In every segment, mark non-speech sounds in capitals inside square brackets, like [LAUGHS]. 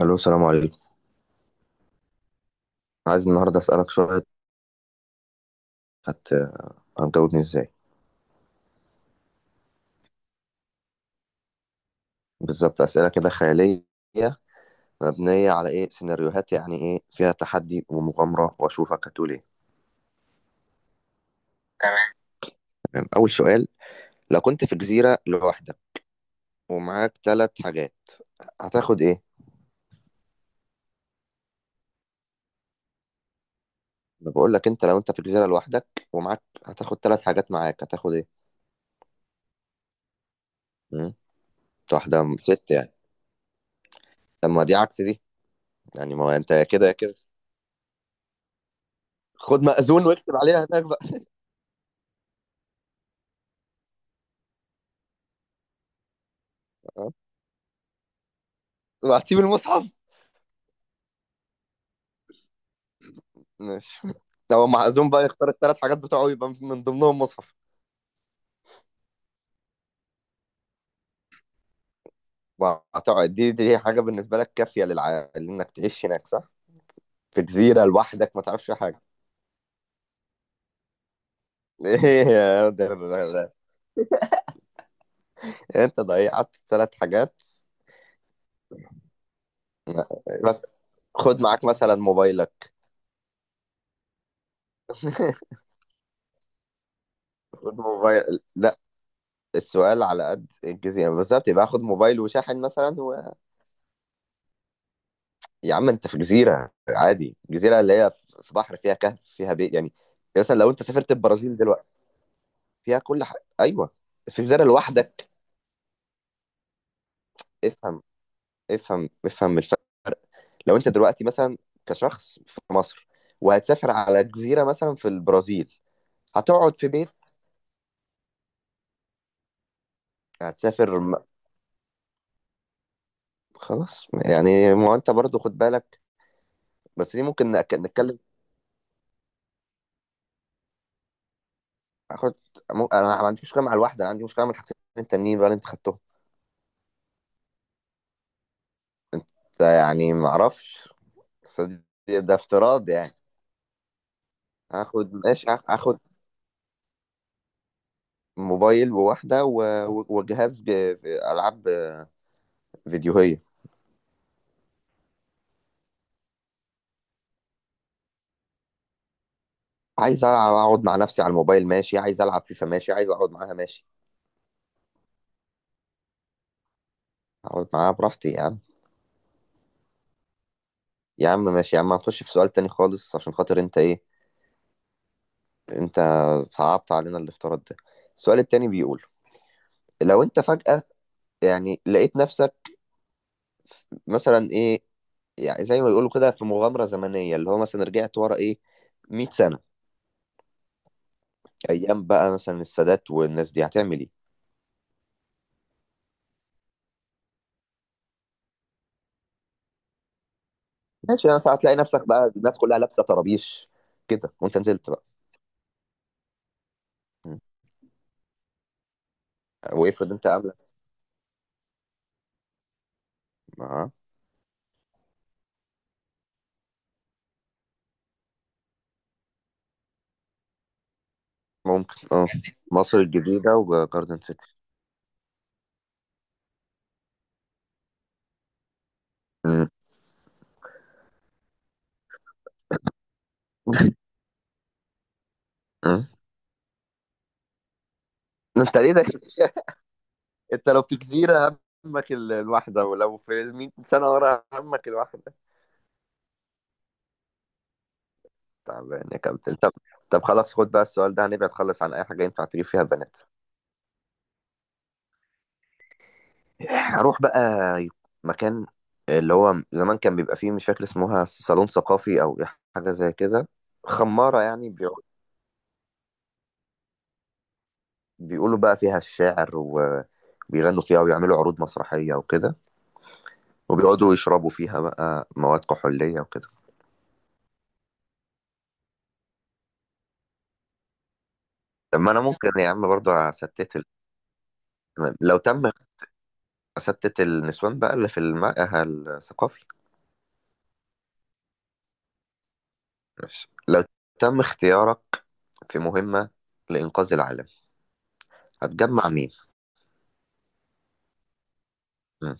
الو، السلام عليكم. عايز النهارده اسالك شويه. هت... هتجاوبني ازاي؟ بالظبط اسئله كده خياليه، مبنيه على ايه سيناريوهات، يعني ايه فيها تحدي ومغامره، واشوفك هتقول ايه. تمام. تمام، اول سؤال. لو كنت في جزيره لوحدك ومعاك ثلاث حاجات، هتاخد ايه؟ انا بقول لك انت، لو انت في جزيره لوحدك ومعاك هتاخد ثلاث حاجات، معاك هتاخد ايه؟ مم؟ ست يعني؟ طب ما دي عكس دي. يعني ما هو انت يا كده يا كده. خد مأذون واكتب عليها هناك بقى. [LAUGHS] واعطيه بالمصحف. ماشي. هو معزوم بقى يختار الثلاث حاجات بتوعه، يبقى من ضمنهم مصحف. وهتقعد دي حاجة بالنسبة لك كافية لإنك تعيش هناك، صح؟ في جزيرة لوحدك ما تعرفش حاجة. [LAUGHS] إيه يا أنت ضيعت ثلاث حاجات. بس خد معاك مثلا موبايلك. [LAUGHS] خد موبايل، لا. السؤال على قد الجزيرة يعني، بالظبط يبقى خد موبايل وشاحن مثلا. يا عم، أنت في جزيرة عادي، جزيرة اللي هي في بحر فيها كهف فيها بيت يعني. مثلا لو أنت سافرت البرازيل دلوقتي، فيها كل حاجة، أيوه. الفنجانة لوحدك. افهم، افهم افهم الفرق. لو أنت دلوقتي مثلا كشخص في مصر وهتسافر على جزيرة مثلا في البرازيل، هتقعد في بيت. هتسافر م- خلاص يعني، ما هو أنت برضه خد بالك. بس دي ممكن نتكلم. أخد. أنا ما عنديش مشكلة مع الواحدة، أنا عندي مشكلة مع الحاجتين التانيين بقى اللي أنت خدتهم. ده يعني ما أعرفش. ده افتراض يعني. هاخد، ماشي. هاخد موبايل وواحدة وجهاز ألعاب فيديوهيه. عايز العب اقعد مع نفسي على الموبايل ماشي، عايز العب فيفا ماشي، عايز اقعد معاها ماشي. اقعد معاها براحتي يا عم. يا عم ماشي، يا عم هنخش في سؤال تاني خالص عشان خاطر انت، ايه انت، صعبت علينا الافتراض ده. السؤال التاني بيقول، لو انت فجأة يعني لقيت نفسك مثلا ايه، يعني زي ما بيقولوا كده في مغامرة زمنية، اللي هو مثلا رجعت ورا ايه 100 سنة، ايام بقى مثلا السادات والناس دي، هتعمل ايه؟ ماشي، انا ساعة تلاقي نفسك بقى الناس كلها لابسة طرابيش كده، وانت نزلت بقى. م. وافرض انت قبلك. آه. ممكن اه. مصر الجديدة وجاردن سيتي. مم. مم. انت ليه ده كده؟ [LAUGHS] انت لو في جزيرة همك الواحدة، ولو في 100 سنة ورا همك الواحدة. تعبان يا كابتن. طب، طب خلاص، خد بقى السؤال ده، هنبعد خالص عن أي حاجة ينفع تجيب فيها بنات. هروح بقى مكان اللي هو زمان كان بيبقى فيه، مش فاكر اسمها، صالون ثقافي أو حاجة زي كده. خمارة يعني بيقولوا بقى فيها الشعر، وبيغنوا فيها، ويعملوا عروض مسرحية وكده، وبيقعدوا يشربوا فيها بقى مواد كحولية وكده. طب ما انا ممكن يا عم برضه استت لو تم، استت النسوان بقى اللي في المعهد الثقافي. ماشي. لو تم اختيارك في مهمة لإنقاذ العالم، هتجمع مين؟ مم.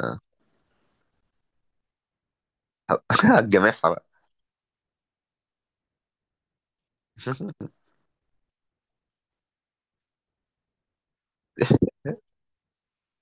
آه. [LAUGHS] هتجمعها بقى. [LAUGHS]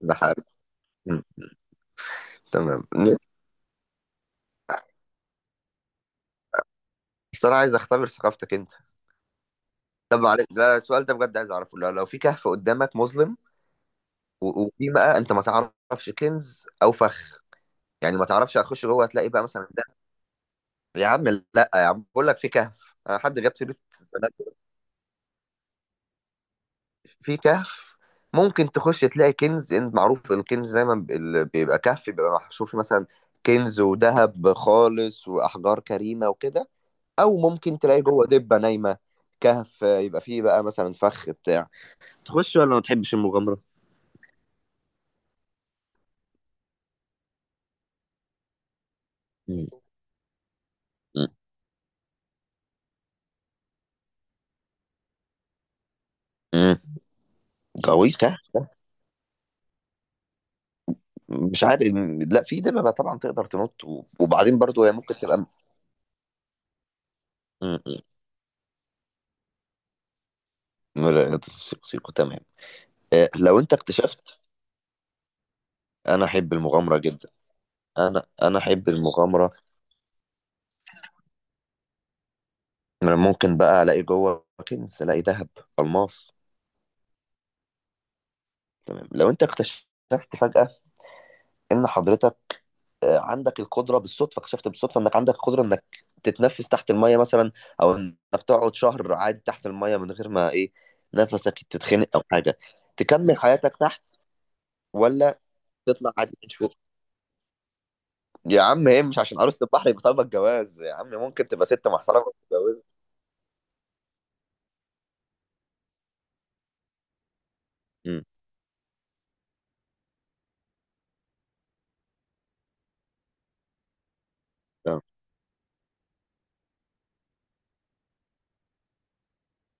ده حقيقي. مم. تمام نس- بس انا عايز اختبر ثقافتك انت. طب معلش، لا، السؤال ده بجد عايز اعرفه، لو في كهف قدامك مظلم، وفي بقى، انت ما تعرفش كنز او فخ، يعني ما تعرفش هتخش جوه هتلاقي بقى مثلا ده. يا عم لا، يا عم بقول لك في كهف، انا حد جاب سيره بنات. في كهف، ممكن تخش تلاقي كنز، انت معروف الكنز دايما اللي بيبقى كهف بيبقى محشور فيه مثلا كنز وذهب خالص واحجار كريمه وكده. او ممكن تلاقي جوه دبه نايمه. كهف، يبقى فيه بقى مثلا فخ بتاع، تخش ولا ما تحبش المغامره؟ مم. مم. غويط كهف، مش عارف. لا، في دببة طبعا تقدر تنط، وبعدين برضو هي ممكن تبقى. مم. لا، لا، سيكو تمام. لو انت اكتشفت، انا احب المغامره جدا. انا احب المغامره. أنا ممكن بقى الاقي جوه كنز، الاقي ذهب، الماس. تمام، لو انت اكتشفت فجاه ان حضرتك عندك القدره، بالصدفه اكتشفت بالصدفه انك عندك قدره انك تتنفس تحت الميه مثلا، او انك تقعد شهر عادي تحت الميه من غير ما ايه نفسك تتخنق او حاجه، تكمل حياتك تحت ولا تطلع عادي؟ يا عم، هي مش عشان عروسة البحر يبقى طالبة الجواز، يا عم ممكن تبقى ست محترمة وتتجوز. امم. تمام.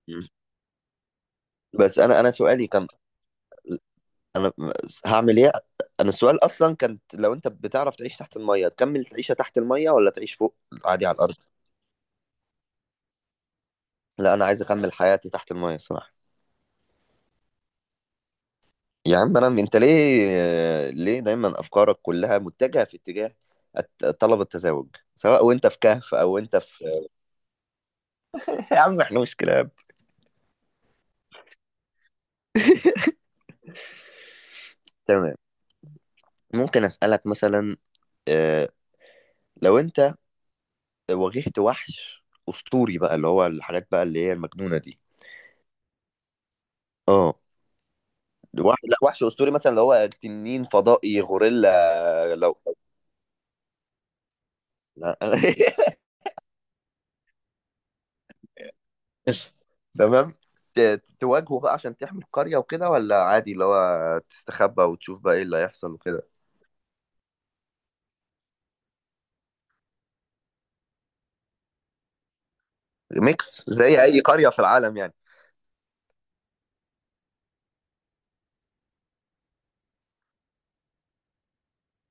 أمم. بس انا سؤالي كان، انا هعمل ايه. انا السؤال اصلا كانت، لو انت بتعرف تعيش تحت المية تكمل تعيشها تحت المية ولا تعيش فوق عادي على الارض. لا انا عايز اكمل حياتي تحت المية صراحة. يا عم انا، انت ليه، دايما افكارك كلها متجهة في اتجاه طلب التزاوج، سواء وانت في كهف او انت في. [LAUGHS] يا عم احنا مش كلاب. تمام. ممكن اسالك مثلا، آه، لو انت واجهت وحش اسطوري بقى اللي هو الحاجات بقى اللي هي المجنونه دي. اه. وحش، لا وحش اسطوري مثلا اللي هو تنين فضائي غوريلا لو. لا. [LAUGHS] تمام. تواجهه بقى عشان تحمي القريه وكده، ولا عادي اللي هو تستخبى وتشوف بقى ايه اللي هيحصل وكده؟ ميكس زي اي قريه في العالم يعني.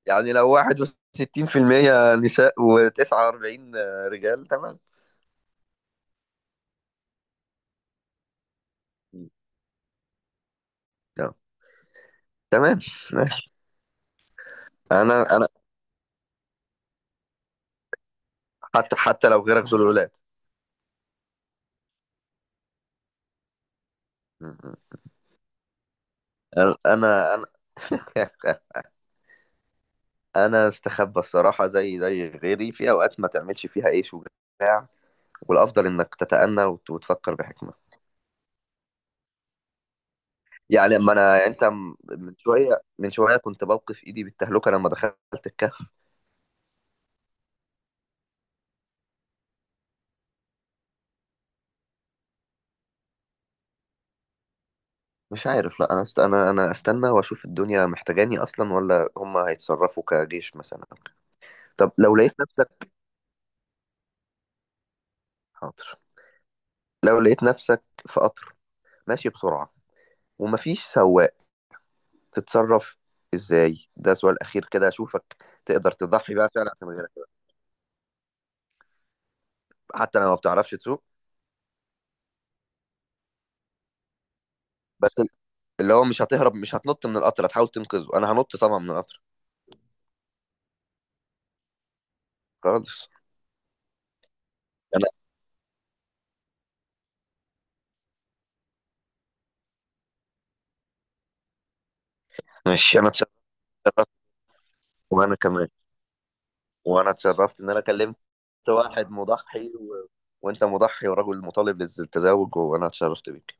يعني لو 61% نساء و49 رجال، تمام، تمام، تمام. ماشي، انا حتى لو غيرك دول ولاد، انا [LAUGHS] انا استخبى الصراحه، زي غيري في اوقات ما تعملش فيها اي شجاع، والافضل انك تتأنى وتفكر بحكمه. يعني اما انا، يعني انت من شويه، من شويه كنت بوقف ايدي بالتهلكه لما دخلت الكهف. مش عارف، لا انا استنى واشوف الدنيا محتاجاني اصلا، ولا هم هيتصرفوا كجيش مثلا. طب لو لقيت نفسك، حاضر. لو لقيت نفسك في قطر ماشي بسرعه، ومفيش سواق، تتصرف ازاي؟ ده سؤال اخير كده، اشوفك تقدر تضحي بقى فعلا عشان غيرك حتى لو ما بتعرفش تسوق، بس اللي هو مش هتهرب، مش هتنط من القطر، هتحاول تنقذه. انا هنط طبعا من القطر. خالص. انا مش، انا اتشرفت. وانا كمان، وانا اتشرفت ان انا كلمت واحد مضحي وانت مضحي، ورجل مطالب بالتزاوج، وانا اتشرفت بيك.